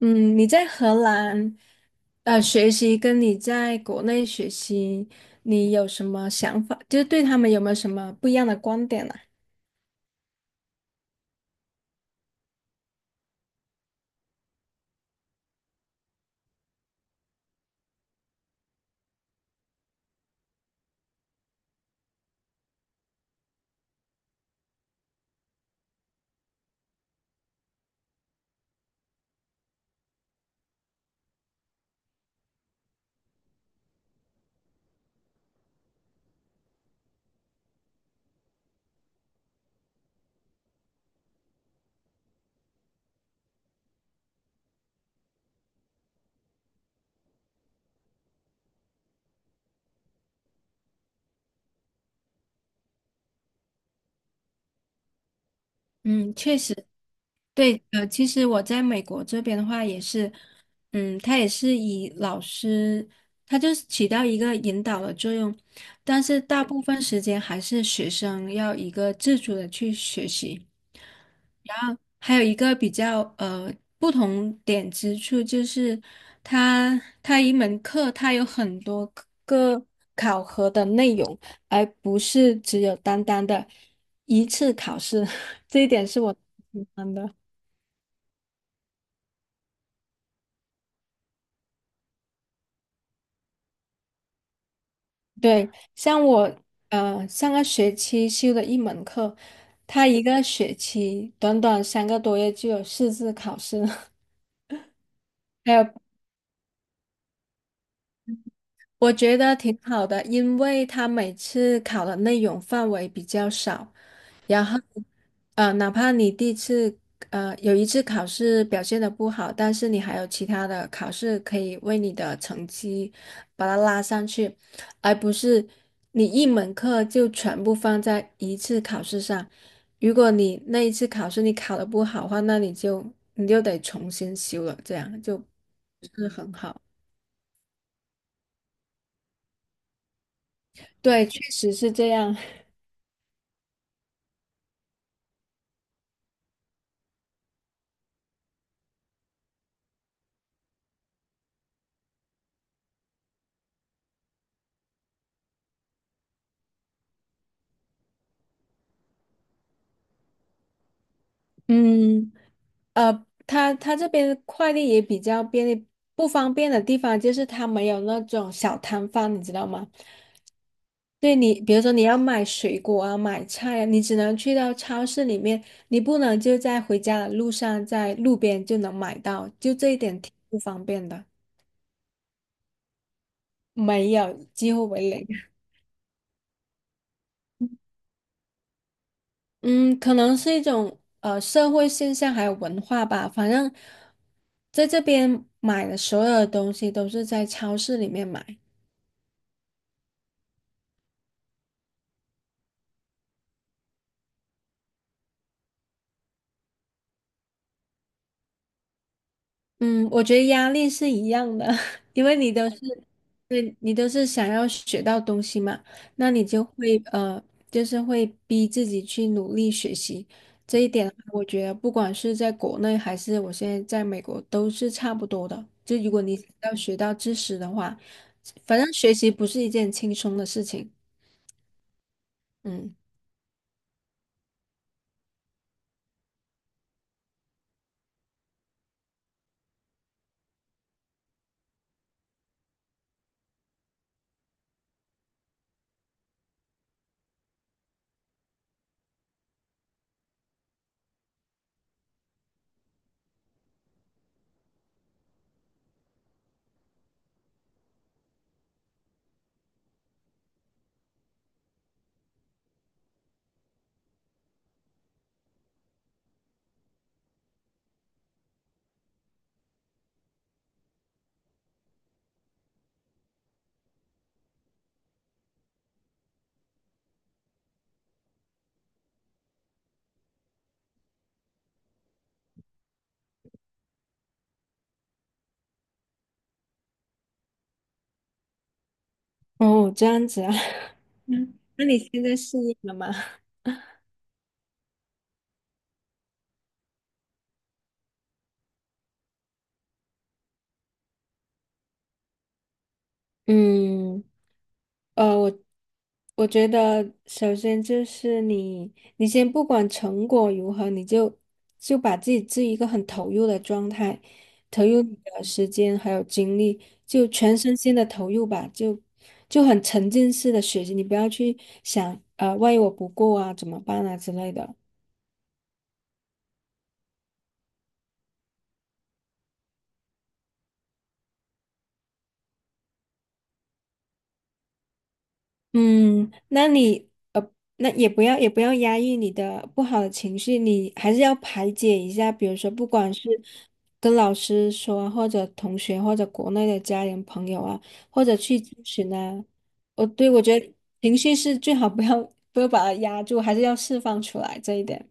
嗯，你在荷兰，学习跟你在国内学习，你有什么想法？就是对他们有没有什么不一样的观点呢、嗯，确实。对，其实我在美国这边的话也是，嗯，他也是以老师，他就是起到一个引导的作用，但是大部分时间还是学生要一个自主的去学习。然后还有一个比较不同点之处就是，它一门课它有很多个考核的内容，而不是只有单单的一次考试，这一点是我。对，像我上个学期修的一门课，他一个学期短短三个多月就有四次考试了，还有我觉得挺好的，因为他每次考的内容范围比较少。然后，哪怕你第一次，有一次考试表现的不好，但是你还有其他的考试可以为你的成绩把它拉上去，而不是你一门课就全部放在一次考试上。如果你那一次考试你考的不好的话，那你就得重新修了，这样就不是很好。对，确实是这样。嗯，他这边快递也比较便利，不方便的地方就是他没有那种小摊贩，你知道吗？对你，比如说你要买水果啊、买菜啊，你只能去到超市里面，你不能就在回家的路上，在路边就能买到，就这一点挺不方便的。没有，几乎为零。嗯，可能是一种社会现象，还有文化吧。反正在这边买的所有的东西都是在超市里面买。嗯，我觉得压力是一样的，因为你都是，对，你都是想要学到东西嘛，那你就会就是会逼自己去努力学习。这一点的话我觉得不管是在国内还是我现在在美国都是差不多的。就如果你要学到知识的话，反正学习不是一件轻松的事情。嗯。哦，这样子啊。嗯，那你现在适应了吗？嗯。呃，我我觉得，首先就是你，你先不管成果如何，你就把自己置于一个很投入的状态，投入你的时间还有精力，就全身心的投入吧，就很沉浸式的学习，你不要去想，万一我不过啊，怎么办啊之类的。嗯，那也不要压抑你的不好的情绪，你还是要排解一下。比如说，不管是跟老师说啊或者同学，或者国内的家人朋友啊，或者去咨询啊，我觉得情绪是最好不要把它压住，还是要释放出来这一点。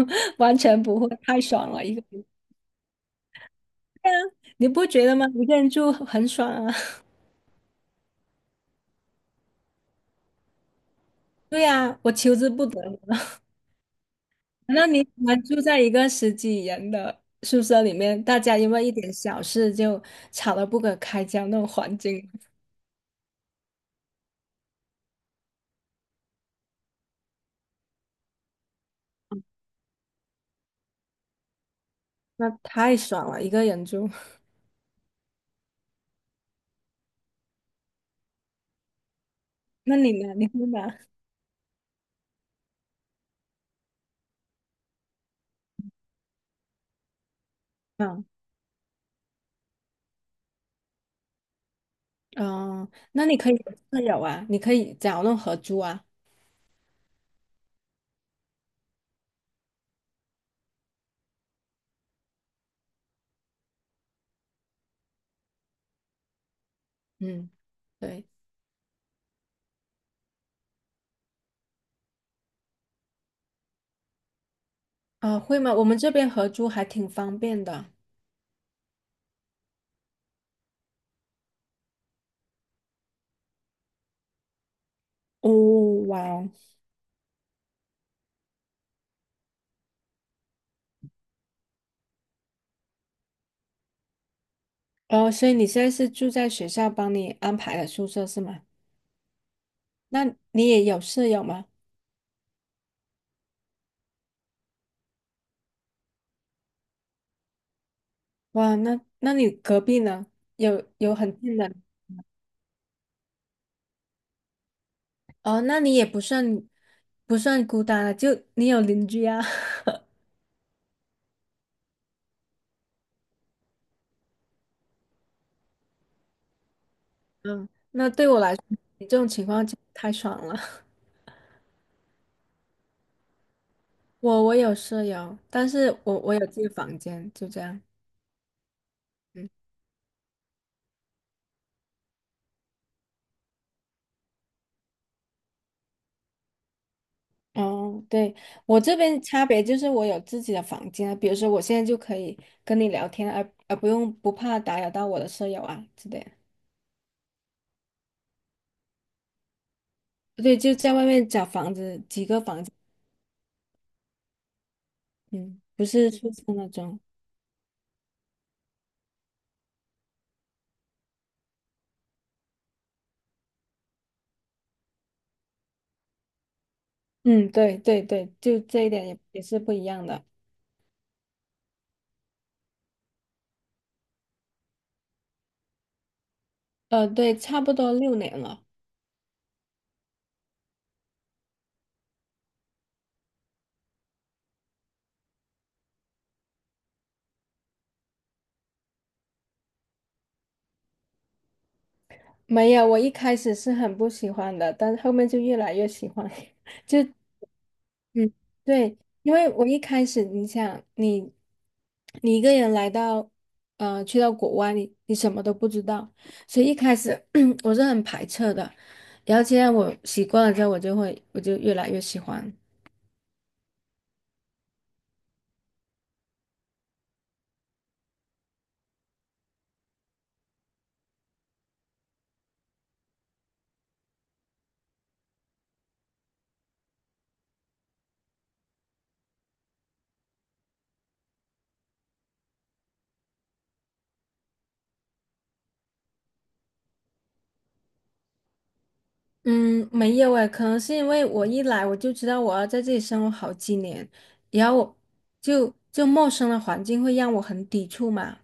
完全不会，太爽了。一个人你不觉得吗？一个人住很爽啊。对呀，我求之不得。那你们住在一个十几人的宿舍里面，大家因为一点小事就吵得不可开交那种环境。那太爽了，一个人住。那你呢？你会吗？嗯嗯，那你可以有舍友啊，你可以找那种合租啊。嗯，对。会吗？我们这边合租还挺方便的。哦，哇哦。哦，所以你现在是住在学校帮你安排的宿舍是吗？那你也有舍友吗？哇，那那你隔壁呢？有有很近的。哦，那你也不算孤单了，就你有邻居啊。嗯，那对我来说，你这种情况就太爽了。我有舍友，但是我有自己的房间，就这样。嗯。哦，对，我这边差别就是我有自己的房间啊，比如说我现在就可以跟你聊天，而不用不怕打扰到我的舍友啊之类的。对，就在外面找房子，几个房子。嗯，不是宿舍那种。嗯，对对对，就这一点也是不一样的。对，差不多六年了。没有，我一开始是很不喜欢的，但是后面就越来越喜欢。就嗯，对，因为我一开始，你想，你一个人来到，去到国外，你什么都不知道，所以一开始 我是很排斥的。然后现在我习惯了之后，我就越来越喜欢。嗯，没有诶，可能是因为我一来我就知道我要在这里生活好几年，然后就陌生的环境会让我很抵触嘛。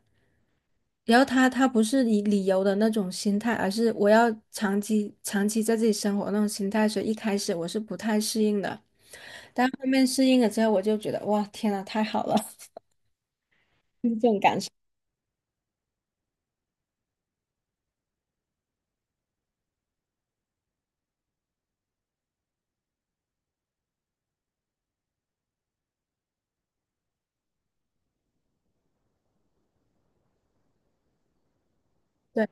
然后他不是以理由的那种心态，而是我要长期长期在这里生活那种心态，所以一开始我是不太适应的，但后面适应了之后，我就觉得哇，天呐，太好了。就是这种感受。对，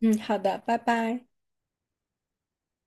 嗯，好的，拜拜。